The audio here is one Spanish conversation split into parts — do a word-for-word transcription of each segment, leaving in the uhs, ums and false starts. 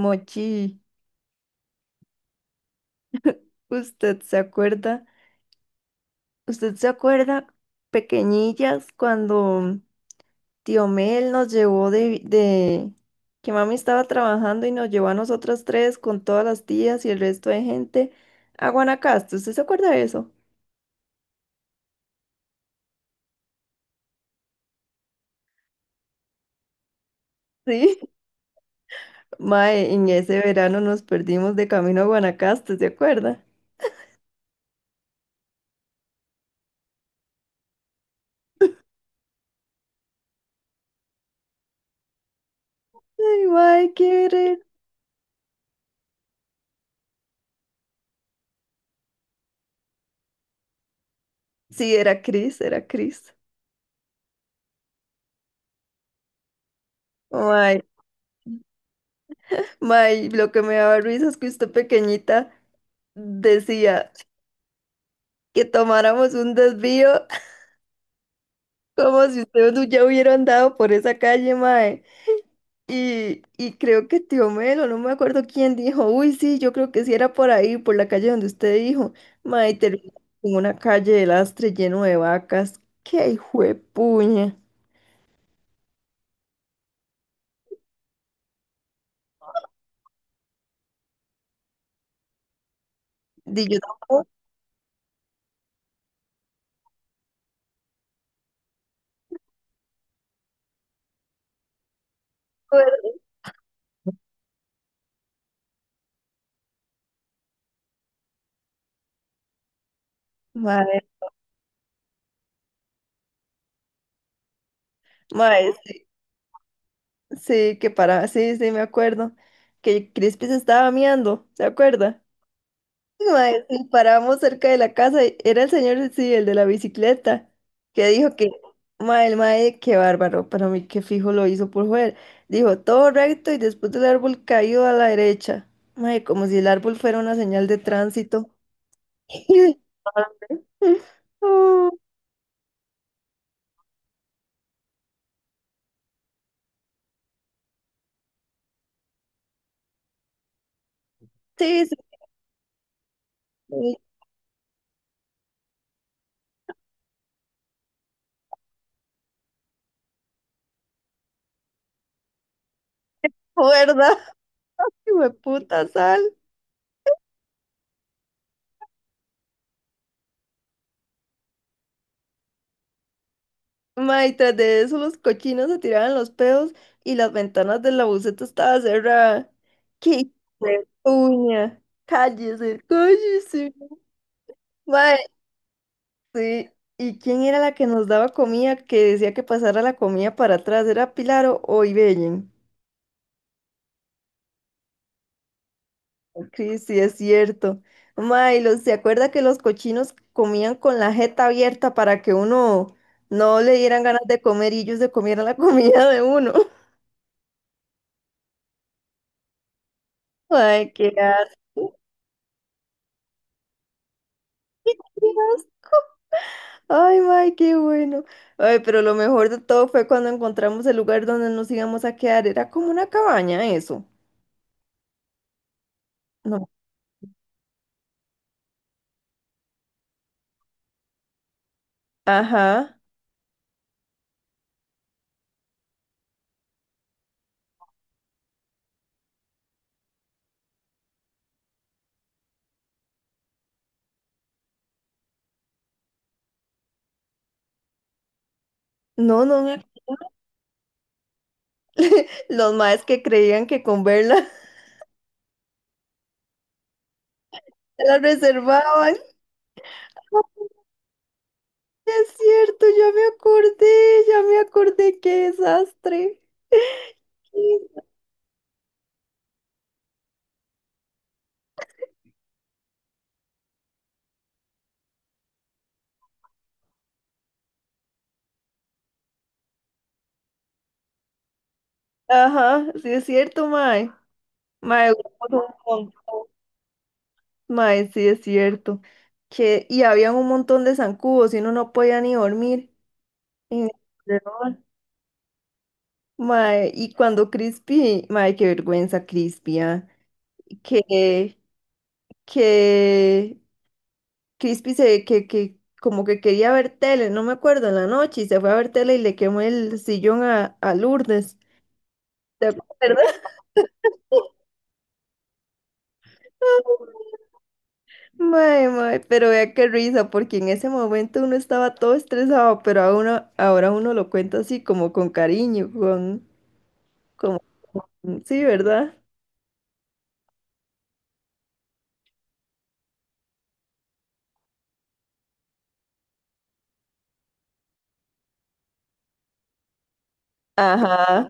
Mochi, ¿usted se acuerda? ¿Usted se acuerda, pequeñillas, cuando tío Mel nos llevó de, de... que mami estaba trabajando y nos llevó a nosotras tres con todas las tías y el resto de gente a Guanacaste? ¿Usted se acuerda de eso? Sí. Mae, en ese verano nos perdimos de camino a Guanacaste, ¿se acuerda? Ay, mae, qué re... Sí, era Cris, era Cris. Mae, mae, lo que me daba risa es que usted pequeñita decía que tomáramos un desvío, como si ustedes no ya hubieran andado por esa calle, mae. Y, y creo que tío Melo, no me acuerdo quién dijo, uy, sí, yo creo que sí era por ahí, por la calle donde usted dijo, mae, y terminamos en una calle de lastre lleno de vacas, qué hijo de puña. Di yo tampoco, me acuerdo. mae, mae, sí, sí, que para, sí, sí, me acuerdo, que Crispy se estaba miando, ¿se acuerda? Mae, sí, parábamos cerca de la casa, y era el señor, sí, el de la bicicleta, que dijo que, mae, el mae, qué bárbaro, para mí qué fijo lo hizo por joder. Dijo, todo recto y después del árbol caído a la derecha. Mae, como si el árbol fuera una señal de tránsito. Oh, sí, sí, sí, ¿verdad? Hijo de puta sal. Ma, y tras de eso los cochinos se tiraban los pedos y las ventanas de la buseta estaba cerrada. ¡Qué uña! ¡Cállese, cállese! Ma, sí. ¿Y quién era la que nos daba comida que decía que pasara la comida para atrás? ¿Era Pilar o, o Ibellen? Cris, sí, es cierto. Ma, y los, ¿se acuerda que los cochinos comían con la jeta abierta para que uno no le dieran ganas de comer y ellos se comieran la comida de uno? Ay, qué asco. ¡Qué asco! Ay, May, qué bueno. Ay, pero lo mejor de todo fue cuando encontramos el lugar donde nos íbamos a quedar. Era como una cabaña, eso. No. Ajá. No, no. me- Los maes que creían que con verla la reservaban. Ay, es cierto, ya me acordé, ya me acordé, qué desastre. Ajá, sí es cierto, mae. Mae, duramos un montón. Mae, sí, es cierto. Que, y había un montón de zancudos y uno no podía ni dormir en el corredor. Mae, y cuando Crispy, mae, qué vergüenza Crispy, ah, Que, que Crispy se, que, que como que quería ver tele, no me acuerdo, en la noche, y se fue a ver tele y le quemó el sillón a, a Lourdes. ¿Te acuerdas? Mae, mae, pero vea qué risa, porque en ese momento uno estaba todo estresado, pero a uno- ahora uno lo cuenta así como con cariño, con, como, sí, ¿verdad? Ajá,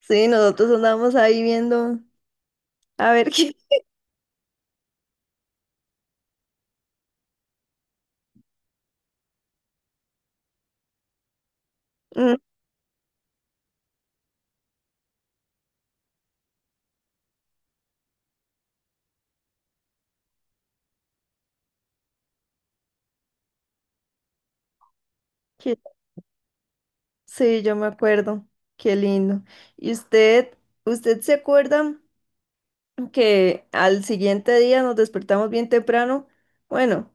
sí, nosotros andábamos ahí viendo, a ver qué, mm, qué- sí, yo me acuerdo, qué lindo. ¿Y usted, usted se acuerda que al siguiente día nos despertamos bien temprano? Bueno,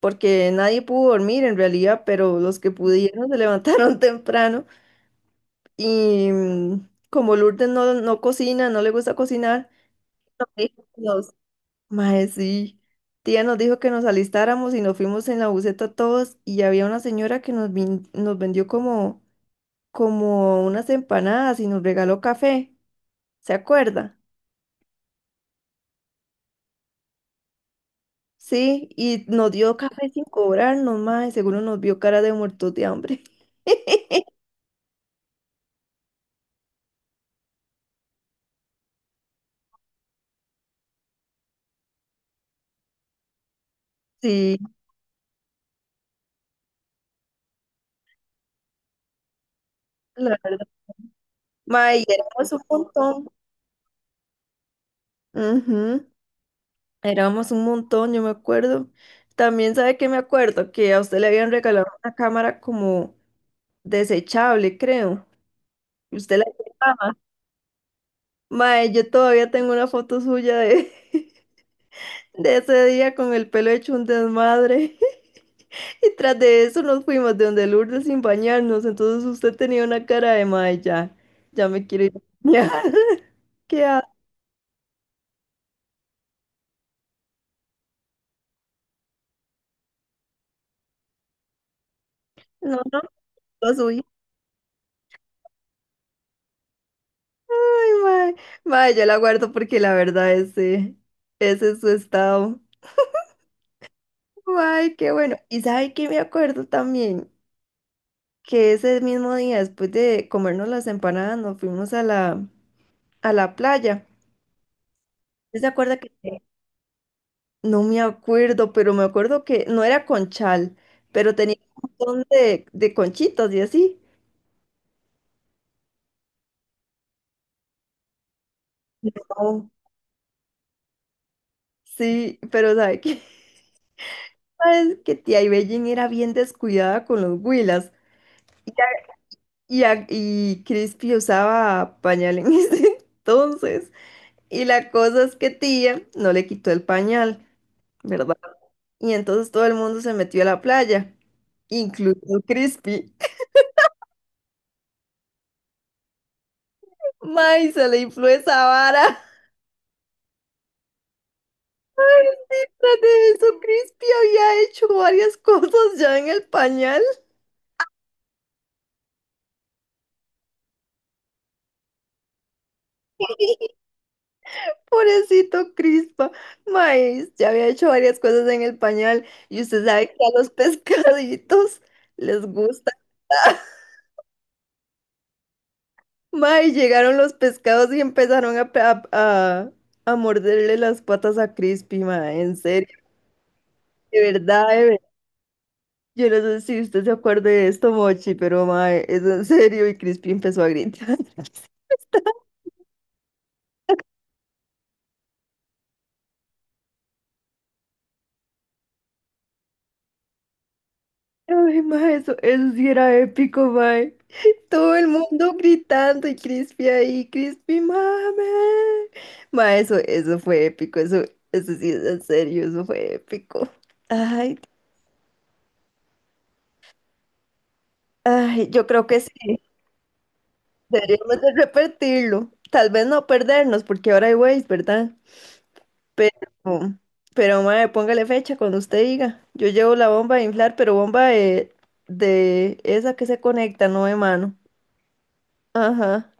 porque nadie pudo dormir en realidad, pero los que pudieron se levantaron temprano. Y mm, como Lourdes no, no cocina, no le gusta cocinar, nos dijo que nos- mae, sí. Tía nos dijo que nos alistáramos y nos fuimos en la buseta todos y había una señora que nos, vin- nos vendió como, como unas empanadas y nos regaló café. ¿Se acuerda? Sí, y nos dio café sin cobrarnos, mae, seguro nos vio cara de muertos de hambre. Sí, la verdad. Mae, y éramos un montón. Ujú. Éramos un montón, yo me acuerdo. También sabe que me acuerdo que a usted le habían regalado una cámara como desechable, creo. Y usted la llevaba. Mae, yo todavía tengo una foto suya de, de ese día con el pelo hecho un desmadre. Y tras de eso nos fuimos de donde Lourdes sin bañarnos. Entonces usted tenía una cara de mae, ya, ya me quiero ir a bañar. ¿Qué ha- No, no, lo subí. Ay, mae, mae, yo la guardo porque la verdad ese, ese es su estado. Ay, qué bueno. ¿Y sabe qué me acuerdo también? Que ese mismo día, después de comernos las empanadas, nos fuimos a la, a la playa. ¿Usted se acuerda que no me acuerdo, pero me acuerdo que no era Conchal, pero tenía un montón de, de conchitas y así? Oh, sí, pero ¿sabe qué? ¿Sabes que tía Ibellín era bien descuidada con los huilas? Y, a- y Crispy usaba pañal en ese entonces. Y la cosa es que tía no le quitó el pañal, ¿verdad? Y entonces todo el mundo se metió a la playa, incluso Crispy. ¡May! Se le infló esa vara. Tras de eso, Crispy había hecho varias cosas ya en el pañal. Pobrecito Crispa. Maíz, ya había hecho varias cosas en el pañal. Y usted sabe que a los pescaditos les gusta. Mae, llegaron los pescados y empezaron a, pe- a, a- a morderle las patas a Crispy, mae, en serio, de verdad, de ver- Yo no sé si usted se acuerda de esto, Mochi, pero mae, es en serio, y Crispy empezó a gritar. Ay, mae, eso, eso sí era épico, mae. Todo el mundo gritando y Crispy ahí, Crispy, mame. Mae, eso, eso fue épico, eso, eso sí es en serio, eso fue épico. Ay, ay, yo creo que sí. Deberíamos de repetirlo. Tal vez no perdernos, porque ahora hay Waze, ¿verdad? Pero, pero mae, póngale fecha cuando usted diga. Yo llevo la bomba de inflar, pero bomba de, de esa que se conecta, no de mano. Ajá.